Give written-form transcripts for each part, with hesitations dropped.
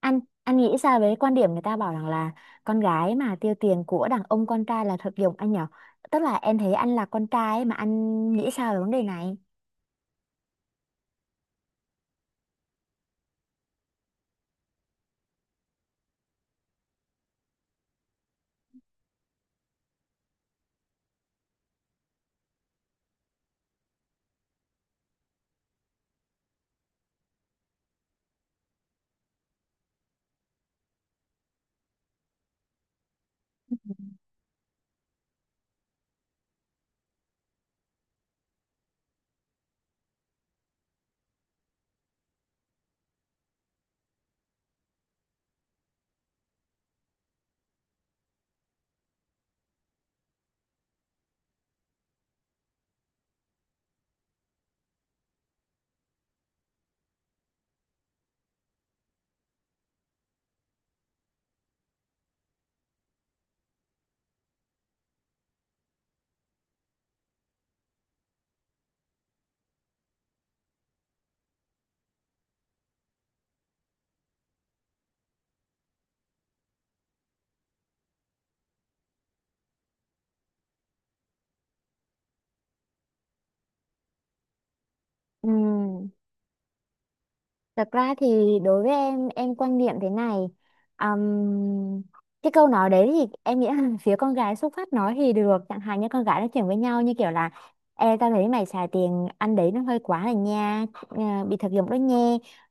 Anh nghĩ sao với quan điểm người ta bảo rằng là con gái mà tiêu tiền của đàn ông con trai là thực dụng anh nhở? Tức là em thấy anh là con trai ấy, mà anh nghĩ sao về vấn đề này? Ừ. Thật ra thì đối với em quan niệm thế này. Ừm, cái câu nói đấy thì em nghĩ là phía con gái xuất phát nói thì được, chẳng hạn như con gái nói chuyện với nhau như kiểu là: Ê, tao thấy mày xài tiền ăn đấy nó hơi quá rồi nha, à, bị thực dụng đó nha,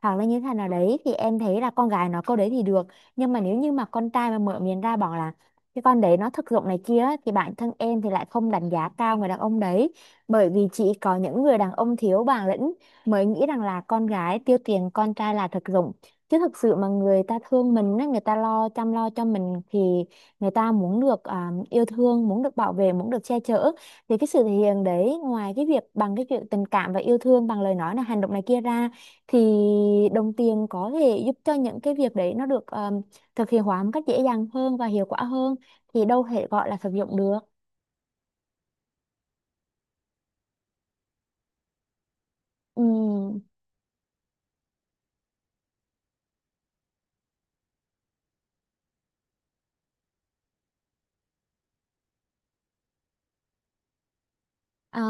hoặc là như thế nào đấy, thì em thấy là con gái nói câu đấy thì được. Nhưng mà nếu như mà con trai mà mở miệng ra bảo là cái con đấy nó thực dụng này kia á, thì bản thân em thì lại không đánh giá cao người đàn ông đấy. Bởi vì chỉ có những người đàn ông thiếu bản lĩnh mới nghĩ rằng là con gái tiêu tiền con trai là thực dụng. Chứ thực sự mà người ta thương mình á, người ta lo chăm lo cho mình thì người ta muốn được yêu thương, muốn được bảo vệ, muốn được che chở, thì cái sự thể hiện đấy ngoài cái việc bằng cái chuyện tình cảm và yêu thương bằng lời nói là hành động này kia ra, thì đồng tiền có thể giúp cho những cái việc đấy nó được thực hiện hóa một cách dễ dàng hơn và hiệu quả hơn, thì đâu thể gọi là thực dụng được. Ừ. Ờ,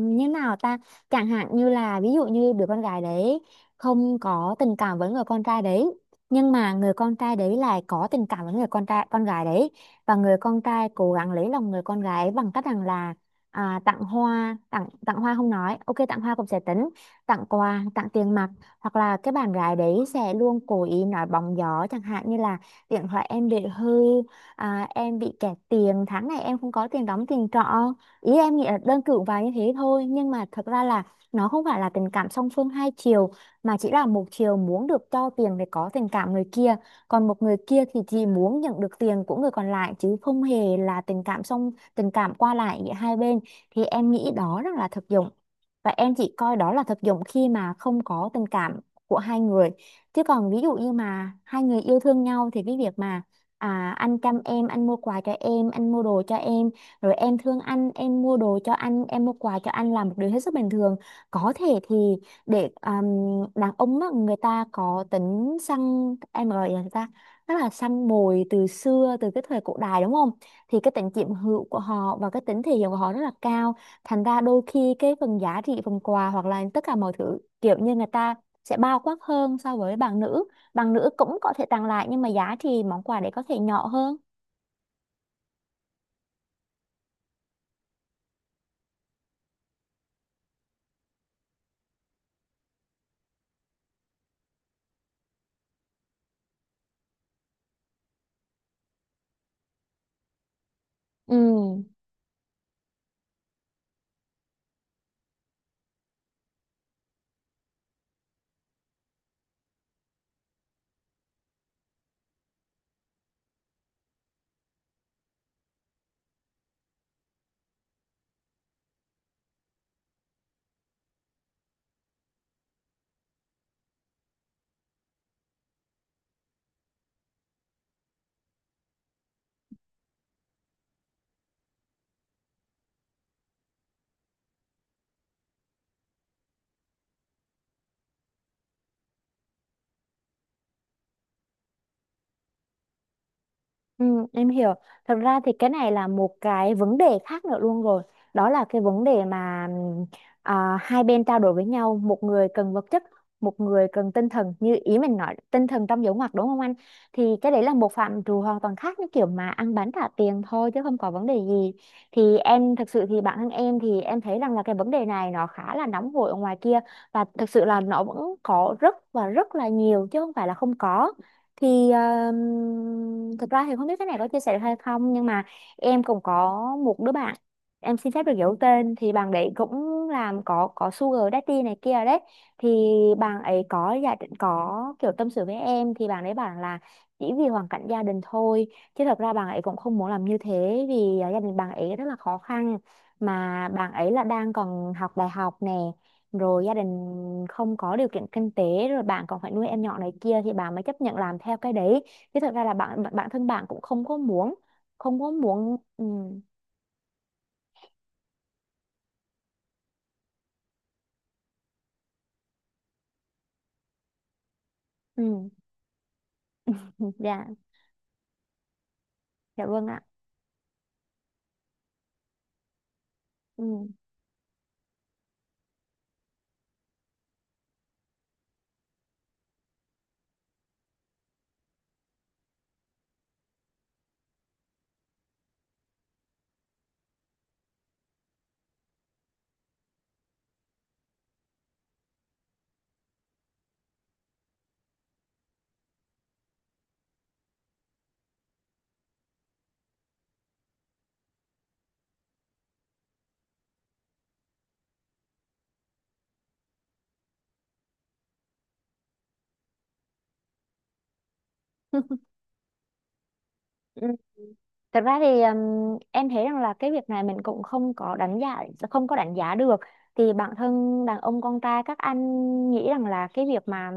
Như nào ta? Chẳng hạn như là, ví dụ như đứa con gái đấy không có tình cảm với người con trai đấy, nhưng mà người con trai đấy lại có tình cảm với người con trai con gái đấy, và người con trai cố gắng lấy lòng người con gái bằng cách rằng là tặng hoa, tặng tặng hoa không nói ok tặng hoa cũng sẽ tính, tặng quà, tặng tiền mặt. Hoặc là cái bạn gái đấy sẽ luôn cố ý nói bóng gió chẳng hạn như là điện thoại em bị hư, em bị kẹt tiền tháng này, em không có tiền đóng tiền trọ. Ý em nghĩ là đơn cử và như thế thôi, nhưng mà thật ra là nó không phải là tình cảm song phương hai chiều, mà chỉ là một chiều muốn được cho tiền để có tình cảm người kia, còn một người kia thì chỉ muốn nhận được tiền của người còn lại chứ không hề là tình cảm song tình cảm qua lại giữa hai bên, thì em nghĩ đó rất là thực dụng. Và em chỉ coi đó là thực dụng khi mà không có tình cảm của hai người, chứ còn ví dụ như mà hai người yêu thương nhau thì cái việc mà anh chăm em, anh mua quà cho em, anh mua đồ cho em, rồi em thương anh, em mua đồ cho anh, em mua quà cho anh là một điều hết sức bình thường. Có thể thì để đàn ông á, người ta có tính săn, em gọi là người ta rất là săn mồi từ xưa, từ cái thời cổ đại đúng không, thì cái tính chiếm hữu của họ và cái tính thể hiện của họ rất là cao, thành ra đôi khi cái phần giá trị phần quà hoặc là tất cả mọi thứ kiểu như người ta sẽ bao quát hơn so với bạn nữ. Bạn nữ cũng có thể tặng lại nhưng mà giá trị món quà đấy có thể nhỏ hơn. Ừ. Ừ, em hiểu. Thật ra thì cái này là một cái vấn đề khác nữa luôn rồi. Đó là cái vấn đề mà hai bên trao đổi với nhau, một người cần vật chất, một người cần tinh thần. Như ý mình nói, tinh thần trong dấu ngoặc đúng không anh? Thì cái đấy là một phạm trù hoàn toàn khác, như kiểu mà ăn bánh trả tiền thôi chứ không có vấn đề gì. Thì em thực sự thì bản thân em thì em thấy rằng là cái vấn đề này nó khá là nóng hổi ở ngoài kia, và thực sự là nó vẫn có rất và rất là nhiều chứ không phải là không có. Thì thực ra thì không biết cái này có chia sẻ được hay không, nhưng mà em cũng có một đứa bạn, em xin phép được giấu tên, thì bạn đấy cũng làm có sugar daddy này kia đấy. Thì bạn ấy có gia đình, có kiểu tâm sự với em, thì bạn ấy bảo là chỉ vì hoàn cảnh gia đình thôi, chứ thật ra bạn ấy cũng không muốn làm như thế, vì gia đình bạn ấy rất là khó khăn, mà bạn ấy là đang còn học đại học nè, rồi gia đình không có điều kiện kinh tế, rồi bạn còn phải nuôi em nhỏ này kia, thì bạn mới chấp nhận làm theo cái đấy, chứ thật ra là bạn bạn- bản thân bạn cũng không có muốn, không có muốn. Ừ. Ừ. Dạ, dạ vâng ạ. Ừ. Thật ra thì em thấy rằng là cái việc này mình cũng không có đánh giá, không có đánh giá được. Thì bản thân đàn ông con trai các anh nghĩ rằng là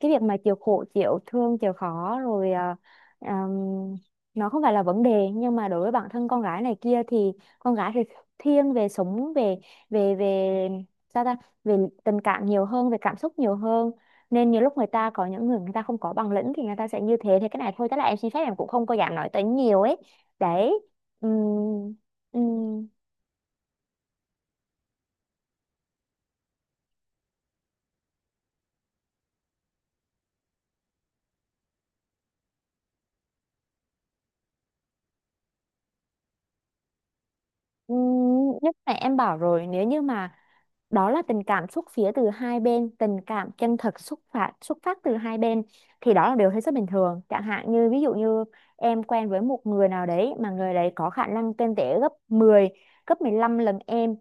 cái việc mà chịu khổ chịu thương chịu khó rồi, ừm, nó không phải là vấn đề, nhưng mà đối với bản thân con gái này kia thì con gái thì thiên về sống về về về sao ta, về tình cảm nhiều hơn, về cảm xúc nhiều hơn, nên nhiều lúc người ta có những người người ta không có bằng lĩnh thì người ta sẽ như thế, thế cái này thôi, tức là em xin phép, em cũng không có dám nói tới nhiều ấy. Đấy. ừm, ừm, nhưng mà em bảo rồi, nếu như mà đó là tình cảm xuất phía từ hai bên, tình cảm chân thật xuất phát từ hai bên, thì đó là điều hết sức bình thường. Chẳng hạn như ví dụ như em quen với một người nào đấy mà người đấy có khả năng kinh tế gấp 10, gấp 15 lần em,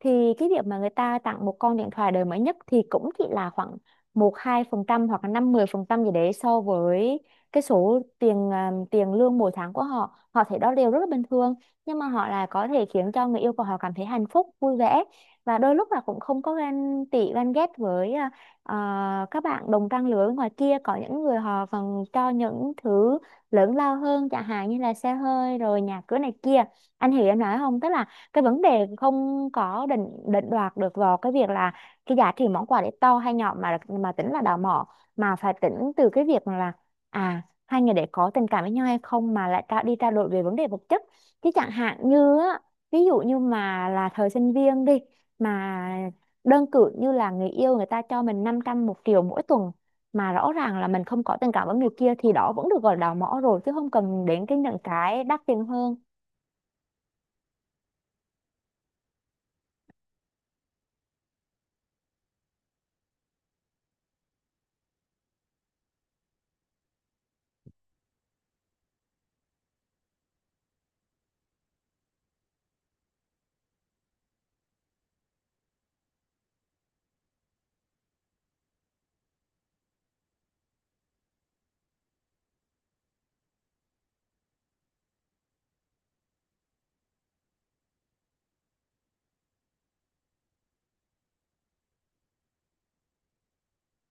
thì cái việc mà người ta tặng một con điện thoại đời mới nhất thì cũng chỉ là khoảng 1-2% hoặc là 5-10% gì đấy so với cái số tiền, tiền lương mỗi tháng của họ, họ thấy đó đều rất là bình thường. Nhưng mà họ là có thể khiến cho người yêu của họ cảm thấy hạnh phúc, vui vẻ, và đôi lúc là cũng không có ganh tị ganh ghét với các bạn đồng trang lứa bên ngoài kia có những người họ còn cho những thứ lớn lao hơn chẳng hạn như là xe hơi rồi nhà cửa này kia. Anh hiểu em nói không? Tức là cái vấn đề không có định định đoạt được vào cái việc là cái giá trị món quà để to hay nhỏ mà tính là đào mỏ, mà phải tính từ cái việc là, à, hai người để có tình cảm với nhau hay không mà lại đi trao đổi về vấn đề vật chất. Chứ chẳng hạn như á, ví dụ như mà là thời sinh viên đi, mà đơn cử như là người yêu người ta cho mình 500 1 triệu mỗi tuần mà rõ ràng là mình không có tình cảm với người kia thì đó vẫn được gọi là đào mỏ rồi, chứ không cần đến cái những cái đắt tiền hơn.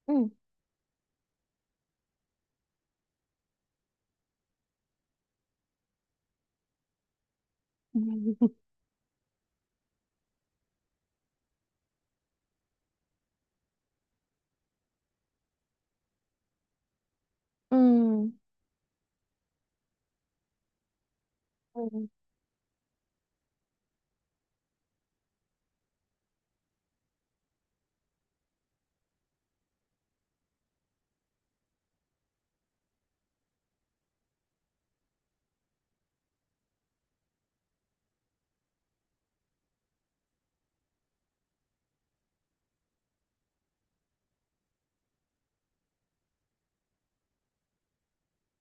Ừ. Ừ. Ừ. Ừ,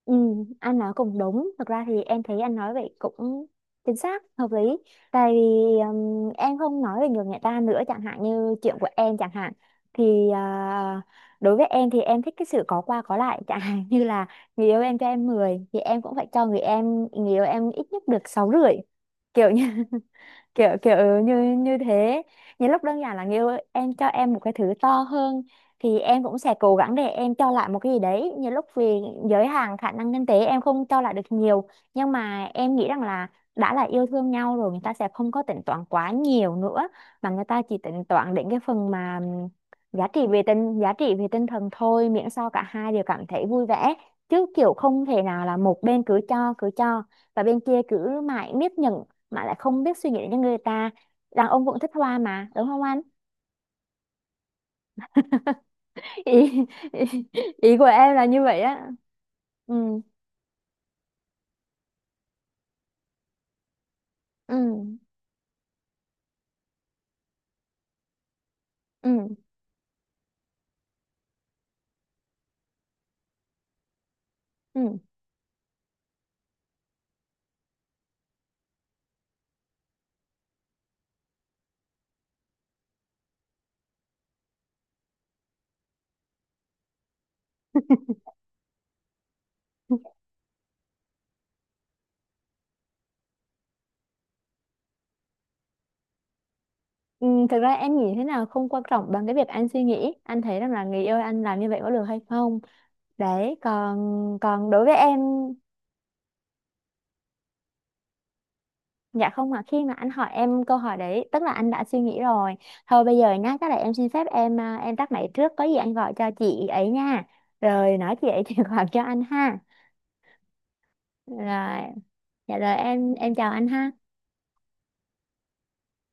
ừ, anh nói cũng đúng. Thực ra thì em thấy anh nói vậy cũng chính xác, hợp lý. Tại vì em không nói về người người ta nữa, chẳng hạn như chuyện của em chẳng hạn. Thì đối với em thì em thích cái sự có qua có lại. Chẳng hạn như là người yêu em cho em 10 thì em cũng phải cho người yêu em ít nhất được 6,5. Kiểu như, kiểu kiểu như như thế. Những lúc đơn giản là người yêu em cho em một cái thứ to hơn thì em cũng sẽ cố gắng để em cho lại một cái gì đấy. Những lúc vì giới hạn khả năng kinh tế em không cho lại được nhiều, nhưng mà em nghĩ rằng là đã là yêu thương nhau rồi người ta sẽ không có tính toán quá nhiều nữa, mà người ta chỉ tính toán đến cái phần mà giá trị về tinh thần thôi, miễn sao cả hai đều cảm thấy vui vẻ. Chứ kiểu không thể nào là một bên cứ cho và bên kia cứ mãi miết nhận mà lại không biết suy nghĩ đến cho người ta. Đàn ông cũng thích hoa mà, đúng không anh? ý, ý, ý của em là như vậy á. Ừ. Ừ. Ừ. Ừ. Ừ, thực ra em nghĩ thế nào không quan trọng bằng cái việc anh suy nghĩ, anh thấy rằng là người yêu anh làm như vậy có được hay không. Đấy. Còn còn đối với em, dạ không, mà khi mà anh hỏi em câu hỏi đấy tức là anh đã suy nghĩ rồi. Thôi bây giờ nhá, chắc là em xin phép, em tắt máy trước, có gì anh gọi cho chị ấy nha, rồi nói chị ấy chuyển khoản cho anh ha. Rồi, dạ rồi em chào anh ha.